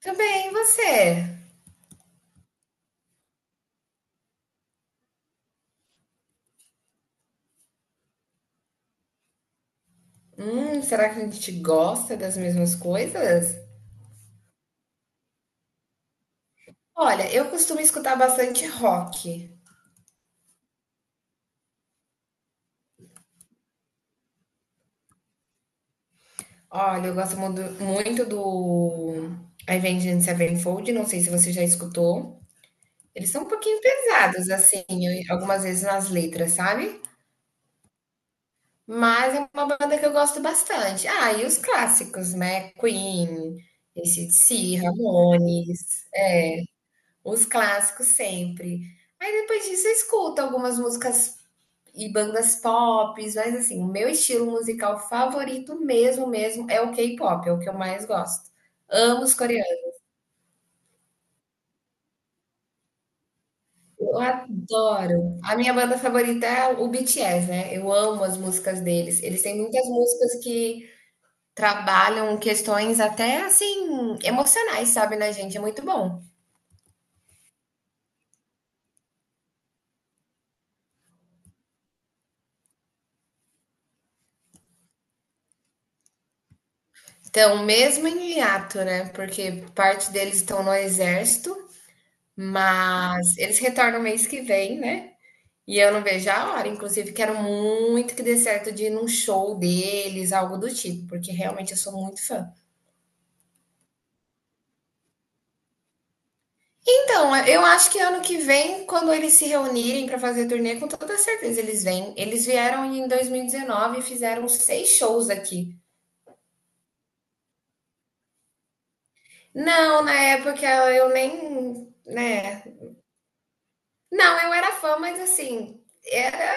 Também e você? Será que a gente gosta das mesmas coisas? Olha, eu costumo escutar bastante rock. Olha, eu gosto muito, muito do Avenged Sevenfold, não sei se você já escutou. Eles são um pouquinho pesados, assim, algumas vezes nas letras, sabe? Mas é uma banda que eu gosto bastante. Ah, e os clássicos, né? Queen, AC/DC, Ramones, é, os clássicos sempre. Aí depois disso eu escuto algumas músicas e bandas pop, mas assim, o meu estilo musical favorito mesmo, mesmo, é o K-pop, é o que eu mais gosto. Amo os coreanos, eu adoro. A minha banda favorita é o BTS, né? Eu amo as músicas deles. Eles têm muitas músicas que trabalham questões até assim emocionais, sabe, na gente, é muito bom. Então, mesmo em hiato, né? Porque parte deles estão no exército, mas eles retornam mês que vem, né? E eu não vejo a hora. Inclusive, quero muito que dê certo de ir num show deles, algo do tipo, porque realmente eu sou muito fã. Então, eu acho que ano que vem, quando eles se reunirem para fazer turnê, com toda certeza eles vêm. Eles vieram em 2019 e fizeram seis shows aqui. Não, na época eu nem, né? Não, eu era fã, mas assim, era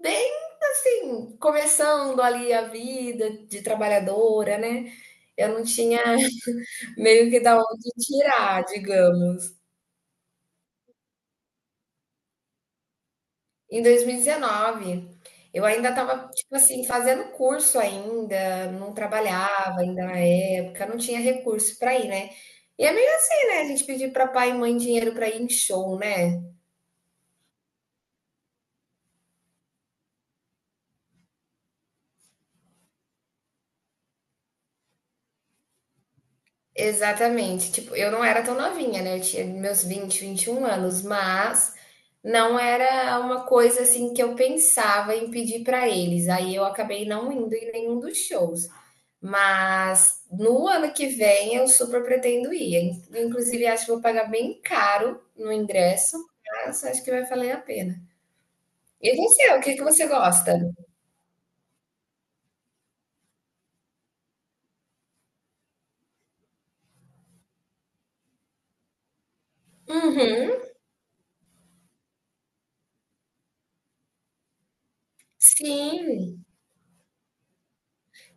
bem assim, começando ali a vida de trabalhadora, né? Eu não tinha meio que da onde tirar, digamos. Em 2019, eu ainda estava, tipo assim, fazendo curso ainda, não trabalhava ainda na época, não tinha recurso para ir, né? E é meio assim, né? A gente pedir para pai e mãe dinheiro para ir em show, né? Exatamente. Tipo, eu não era tão novinha, né? Eu tinha meus vinte, 21 anos, mas não era uma coisa assim que eu pensava em pedir para eles. Aí eu acabei não indo em nenhum dos shows. Mas no ano que vem eu super pretendo ir. Inclusive, acho que vou pagar bem caro no ingresso, mas acho que vai valer a pena. E você, o que que você gosta? Uhum, sim.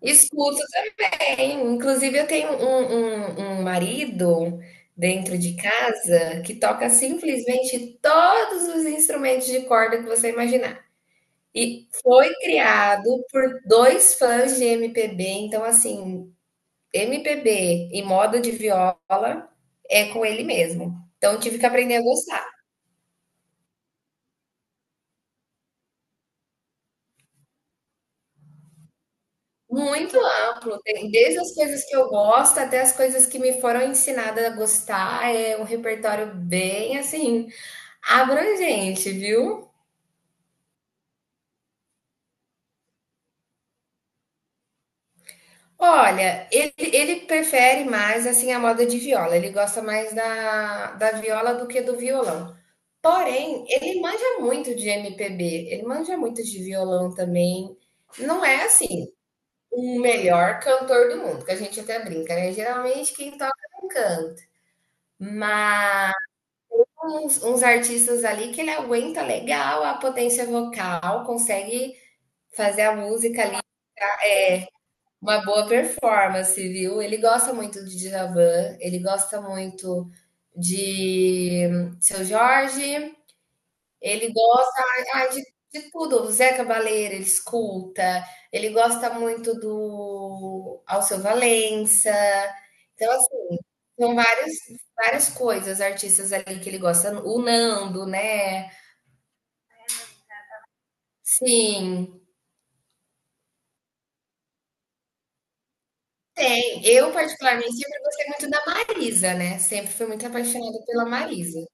Escuto também. Inclusive, eu tenho um marido dentro de casa que toca simplesmente todos os instrumentos de corda que você imaginar. E foi criado por dois fãs de MPB, então assim, MPB e moda de viola é com ele mesmo. Então eu tive que aprender a gostar. Muito amplo, tem desde as coisas que eu gosto até as coisas que me foram ensinadas a gostar. É um repertório bem assim abrangente, viu? Olha, ele prefere mais assim a moda de viola. Ele gosta mais da, da viola do que do violão. Porém, ele manja muito de MPB, ele manja muito de violão também. Não é assim o melhor cantor do mundo, que a gente até brinca, né? Geralmente quem toca não canta. Mas uns artistas ali que ele aguenta legal a potência vocal, consegue fazer a música, uma boa performance, viu? Ele gosta muito de Djavan, ele gosta muito de Seu Jorge, ele gosta, ai, de tudo, o Zé Cabaleiro, ele escuta, ele gosta muito do Alceu Valença. Então, assim, são várias, várias coisas, artistas ali que ele gosta, o Nando, né? Sim, tem. Eu, particularmente, sempre gostei muito da Marisa, né? Sempre fui muito apaixonada pela Marisa.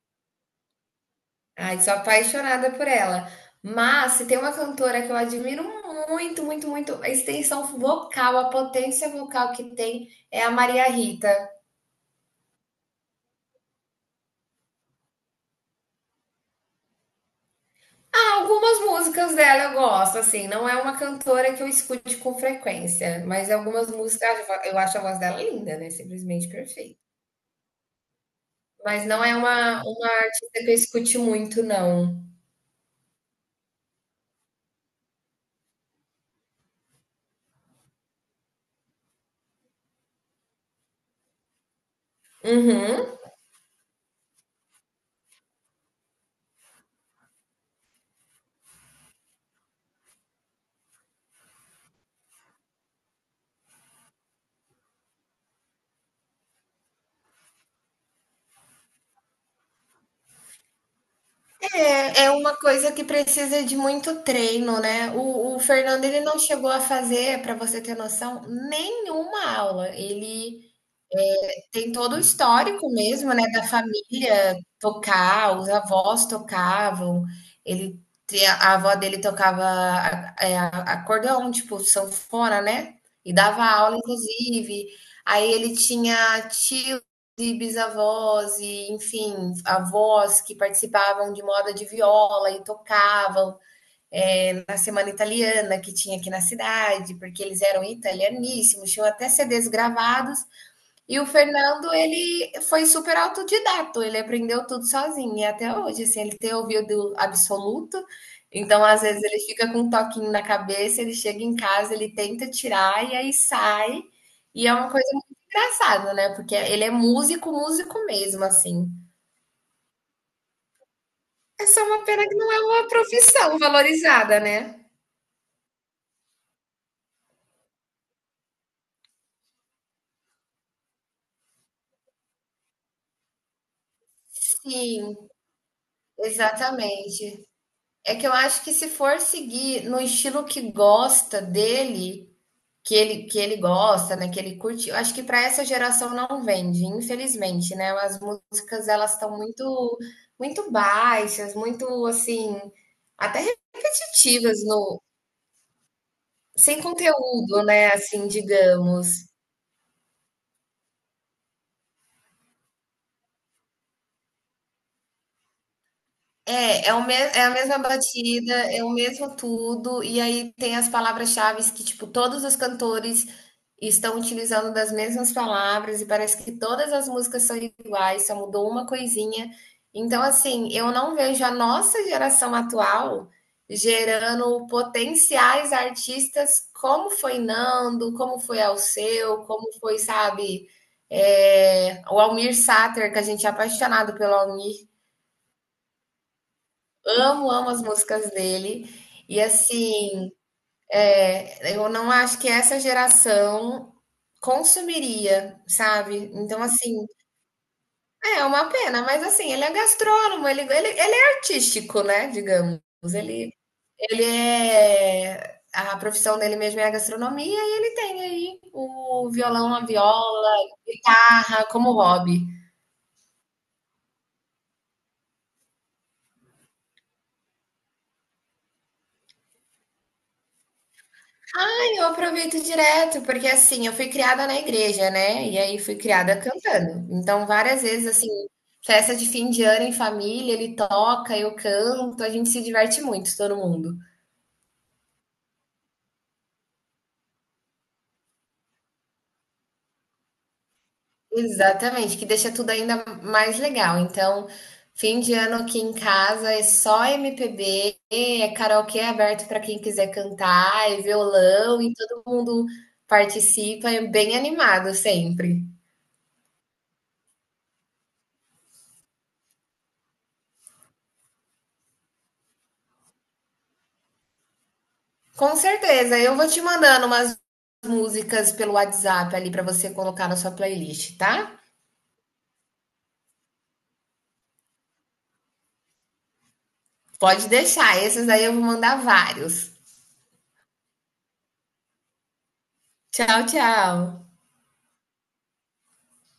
Ai, sou apaixonada por ela. Mas se tem uma cantora que eu admiro muito, muito, muito, a extensão vocal, a potência vocal que tem é a Maria Rita. Ah, algumas músicas dela eu gosto, assim, não é uma cantora que eu escute com frequência, mas algumas músicas eu acho a voz dela linda, né? Simplesmente perfeita. Mas não é uma artista que eu escute muito, não. Uhum. É, é uma coisa que precisa de muito treino, né? O Fernando ele não chegou a fazer, para você ter noção, nenhuma aula. Ele tem todo o histórico mesmo, né, da família tocar, os avós tocavam, ele te a avó dele tocava a acordeon, tipo, sanfona, né, e dava aula inclusive. Aí ele tinha tios e bisavós e, enfim, avós que participavam de moda de viola e tocavam, na semana italiana que tinha aqui na cidade, porque eles eram italianíssimos, tinham até CDs gravados e o Fernando, ele foi super autodidato, ele aprendeu tudo sozinho, e até hoje, assim, ele tem ouvido absoluto, então às vezes ele fica com um toquinho na cabeça, ele chega em casa, ele tenta tirar e aí sai, e é uma coisa muito engraçada, né, porque ele é músico, músico mesmo, assim. É só uma pena que não é uma profissão valorizada, né? Sim, exatamente. É que eu acho que se for seguir no estilo que gosta dele, que ele gosta, né? Que ele curte. Eu acho que para essa geração não vende, infelizmente, né? As músicas elas estão muito muito baixas, muito assim, até repetitivas, no sem conteúdo, né? Assim, digamos. É, o me é a mesma batida, é o mesmo tudo, e aí tem as palavras-chaves que, tipo, todos os cantores estão utilizando das mesmas palavras, e parece que todas as músicas são iguais, só mudou uma coisinha. Então, assim, eu não vejo a nossa geração atual gerando potenciais artistas como foi Nando, como foi Alceu, como foi, sabe, é, o Almir Sater, que a gente é apaixonado pelo Almir. Amo, amo as músicas dele. E assim, é, eu não acho que essa geração consumiria, sabe? Então, assim, é uma pena, mas assim, ele é gastrônomo, ele é artístico, né? Digamos. Ele, ele é. A profissão dele mesmo é a gastronomia e ele tem aí o violão, a viola, guitarra como hobby. Eu aproveito direto, porque assim, eu fui criada na igreja, né? E aí fui criada cantando. Então, várias vezes, assim, festa de fim de ano em família, ele toca, eu canto, a gente se diverte muito, todo mundo. Exatamente, que deixa tudo ainda mais legal. Então, fim de ano aqui em casa é só MPB, é karaokê aberto para quem quiser cantar, é violão e todo mundo participa, é bem animado sempre. Com certeza. Eu vou te mandando umas músicas pelo WhatsApp ali para você colocar na sua playlist, tá? Pode deixar. Esses aí eu vou mandar vários. Tchau, tchau.